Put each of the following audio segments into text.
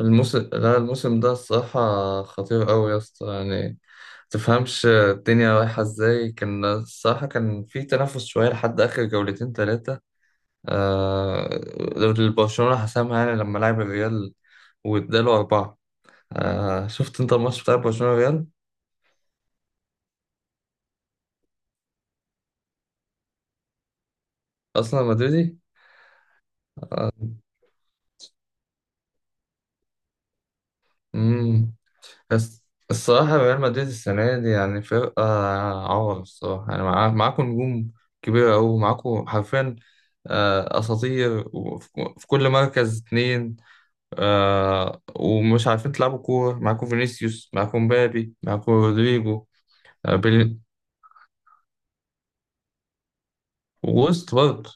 الموسم، لا الموسم ده الصراحة خطير أوي يا اسطى، يعني تفهمش الدنيا رايحة ازاي. كان الصراحة كان في تنافس شوية لحد آخر جولتين تلاتة. آه، برشلونة حسمها يعني لما لعب الريال واداله أربعة. آه، شفت أنت الماتش بتاع برشلونة ريال؟ أصلا مدريدي؟ مم. بس الصراحة ريال مدريد السنة دي يعني فرقة عور الصراحة، يعني معاكم نجوم كبيرة أوي، معاكم حرفيا أساطير في كل مركز اتنين، ومش عارفين تلعبوا كورة. معاكم فينيسيوس، معاكم مبابي، معاكم رودريجو، آه، بيل- ووسط برضه.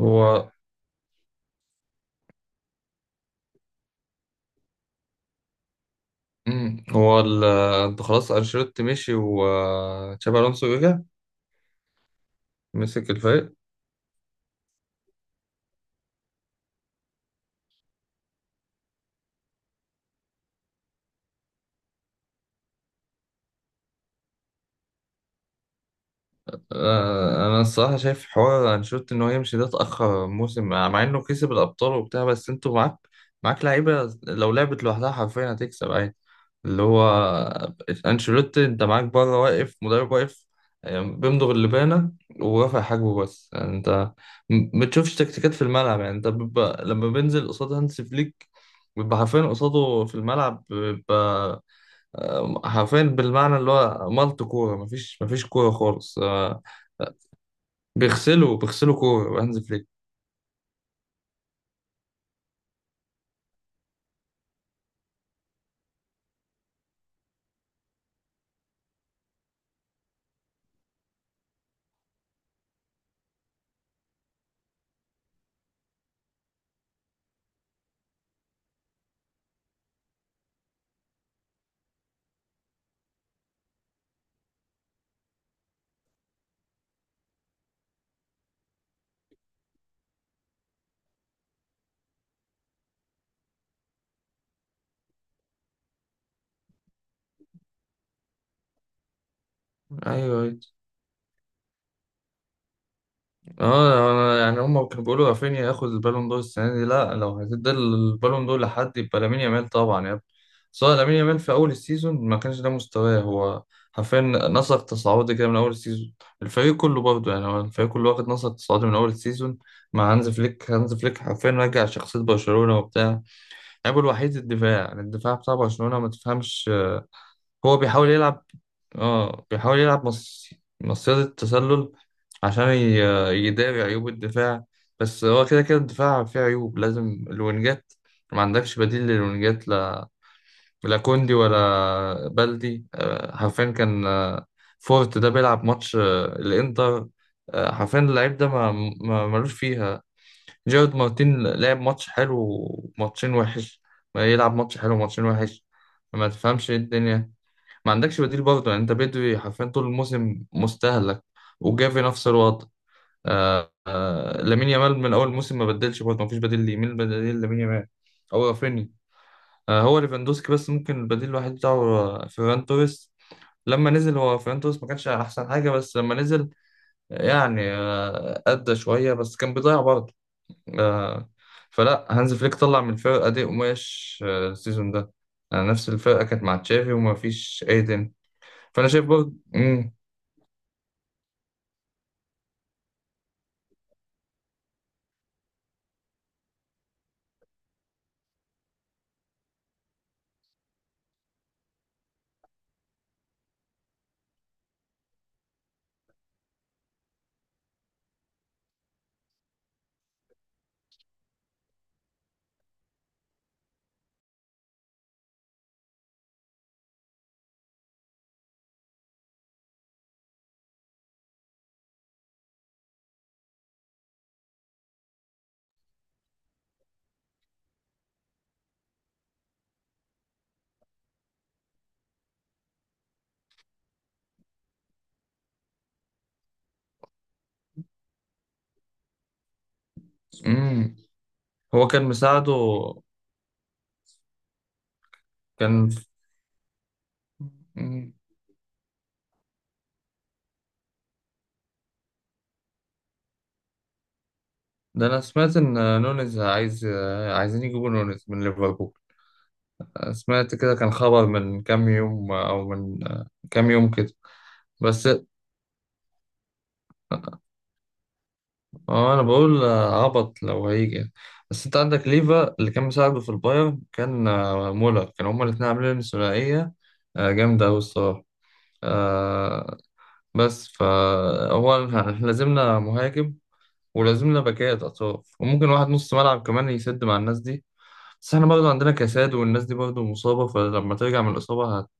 هو مم، هو ال- آه، خلاص أنشيلوتي مشي وتشابي ألونسو رجع مسك الفريق. انا الصراحه شايف حوار انشيلوتي ان هو يمشي ده اتاخر موسم، مع انه كسب الابطال وبتاع، بس انتوا معاك لعيبه لو لعبت لوحدها حرفيا هتكسب عادي. اللي هو انشيلوتي انت معاك بره، واقف مدرب واقف، بيمضغ اللبانه ورافع حاجبه بس. يعني انت ما بتشوفش تكتيكات في الملعب. يعني انت بيبقى لما بينزل قصاد هانس فليك بيبقى حرفيا قصاده في الملعب، بيبقى حرفيا بالمعنى اللي هو مالت كوره، مفيش كوره خالص. آه، بيغسلوا كورة هانز فليك. ايوه، اه أنا يعني هم كانوا بيقولوا رافينيا ياخد البالون دور السنة دي. لا، لو هتدي البالون دور لحد يبقى لامين يامال طبعا يا ابني. سواء لامين يامال في اول السيزون ما كانش ده مستواه. هو حرفيا نسق تصاعدي كده من اول السيزون، الفريق كله برضه. يعني هو الفريق كله واخد نسق تصاعدي من اول السيزون مع هانز فليك. هانز فليك حرفيا رجع شخصية برشلونة وبتاع. عيبه الوحيد الدفاع، يعني الدفاع بتاع برشلونة ما تفهمش. هو بيحاول يلعب، اه بيحاول يلعب مص... مصيدة التسلل عشان ي... يداري عيوب الدفاع. بس هو كده كده الدفاع فيه عيوب. لازم الوينجات، ما عندكش بديل للوينجات. لا، لا كوندي ولا بلدي. آه، حرفيا كان آه، فورت ده بيلعب ماتش آه، الانتر، آه، حرفيا اللعيب ده ما... ما ملوش فيها. جيرارد مارتين لعب ماتش حلو وماتشين وحش، ما يلعب ماتش حلو وماتشين وحش. ما تفهمش ايه الدنيا. ما عندكش بديل برضه، يعني انت بدري حرفيا طول الموسم مستهلك. وجافي نفس الوضع. آه آه، لامين يامال من اول الموسم ما بدلش برضه، ما فيش بديل ليه. مين البديل لامين يامال؟ هو رافينيا، آه، هو ليفاندوسكي. بس ممكن البديل الوحيد بتاعه آه، فيران توريس. لما نزل هو فيران توريس ما كانش احسن حاجه، بس لما نزل يعني آه ادى شويه، بس كان بيضيع برضه. آه، فلا هانز فليك طلع من الفرقه دي قماش آه، السيزون ده. آه نفس الفرقه كانت مع تشافي وما فيش ايدن. فانا شايف برضه. امم هو كان مساعده كان. مم. ده انا سمعت ان نونيز عايزين يجيبوا نونيز من ليفربول. سمعت كده، كان خبر من كام يوم او من كام يوم كده. بس آه، انا بقول آه، عبط لو هيجي. بس انت عندك ليفا اللي كان مساعده في البايرن. كان آه، مولر، كانوا هما الاتنين عاملين ثنائية آه، جامدة أوي الصراحة آه، بس فهو احنا لازمنا مهاجم، ولازم لنا باكات اطراف، وممكن واحد نص ملعب كمان يسد مع الناس دي. بس احنا برضه عندنا كساد، والناس دي برضه مصابة، فلما ترجع من الإصابة هت...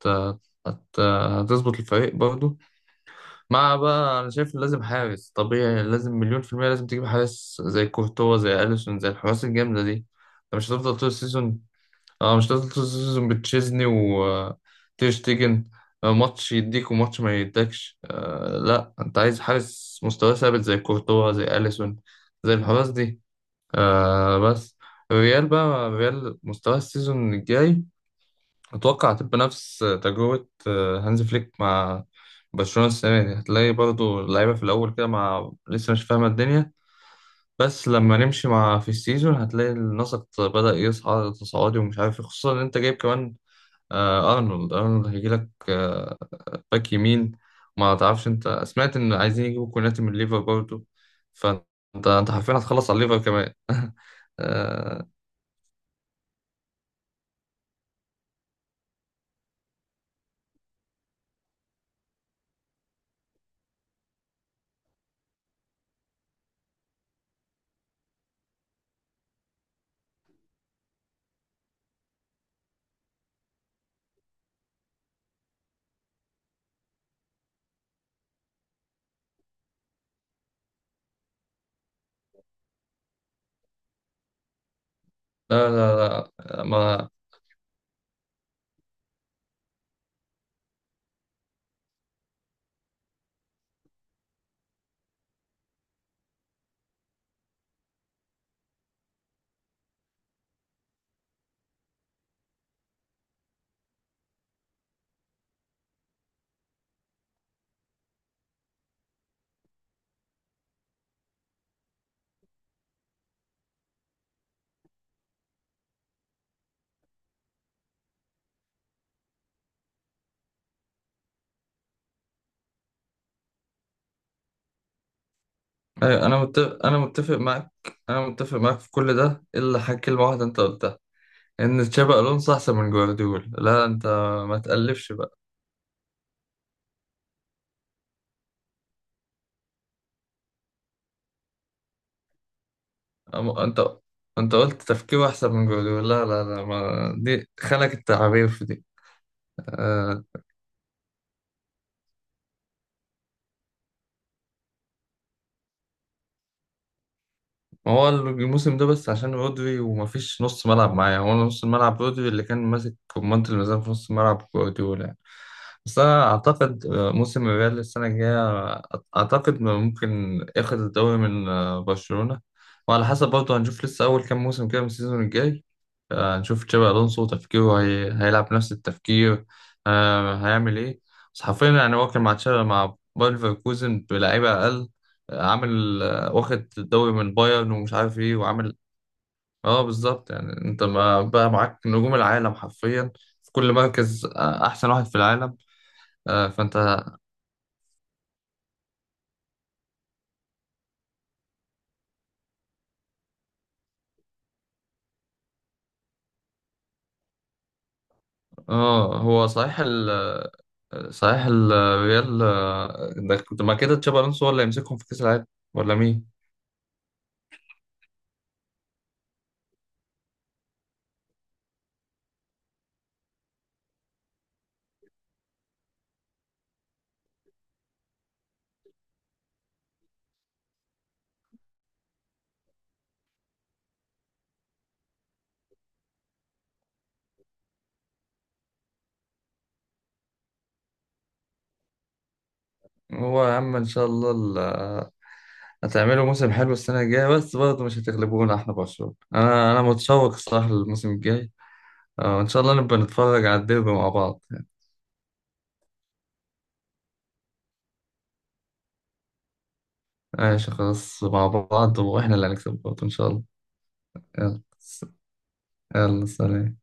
هت... هتظبط الفريق برضه. مع بقى أنا شايف لازم حارس طبيعي، لازم مليون في المية لازم تجيب حارس زي كورتوا، زي أليسون، زي الحراس الجامدة دي. أنت مش هتفضل طول السيزون، اه مش هتفضل طول السيزون بتشيزني وتير شتيجن آه، ماتش يديك وماتش ما يديكش. آه لا، أنت عايز حارس مستواه ثابت زي كورتوا زي أليسون زي الحراس دي. آه بس، ريال بقى، ريال مستوى السيزون الجاي أتوقع هتبقى نفس تجربة آه، هانز فليك مع برشلونة السنة دي. هتلاقي برضو اللعيبة في الأول كده مع لسه مش فاهمة الدنيا، بس لما نمشي مع في السيزون هتلاقي النسق بدأ يصعد تصاعدي ومش عارف إيه، خصوصا إن أنت جايب كمان آه أرنولد هيجيلك آه، باك يمين. ما تعرفش أنت سمعت إن عايزين يجيبوا كوناتي من ليفر برضو؟ فأنت أنت حرفيا هتخلص على الليفر كمان. لا لا لا ما أيوة، انا متفق، انا متفق معاك في كل ده الا حاجه، كلمه واحده انت قلتها ان تشابي الونسو احسن من جوارديولا. لا انت ما تقلفش بقى. أم- انت انت قلت تفكيره احسن من جوارديولا. لا لا لا، ما دي خلك التعابير في دي. آه، ما هو الموسم ده بس عشان رودري، ومفيش نص ملعب معايا. هو نص الملعب رودري اللي كان ماسك كمانة الميزان في نص الملعب جوارديولا يعني. بس أنا أعتقد آه، موسم الريال السنة الجاية آه، أعتقد إنه ممكن ياخد الدوري من آه، برشلونة. وعلى حسب برضه، هنشوف لسه أول كام موسم كده من السيزون الجاي. آه، هنشوف تشابي ألونسو تفكيره هي... هيلعب نفس التفكير، آه، هيعمل إيه. بس حرفيا يعني هو كان مع تشابي مع باير ليفركوزن بلعيبة أقل آه، عامل، واخد الدوري من بايرن ومش عارف ايه وعامل. اه بالظبط. يعني انت ما بقى معاك نجوم العالم حرفيا في كل مركز آه، احسن واحد في العالم آه، فانت. اه هو صحيح صحيح الريال آه، ده كنت ما كده تشابي الونسو هو اللي يمسكهم في كاس العالم ولا مين. هو يا عم ان شاء الله هتعملوا موسم حلو السنه الجايه، بس برضه مش هتغلبونا احنا برشلونه. انا متشوق الصراحه للموسم الجاي آه، ان شاء الله نبقى نتفرج على الديربي مع بعض. ماشي، خلاص مع بعض، واحنا اللي هنكسب برضه ان شاء الله. يلا، يلا سلام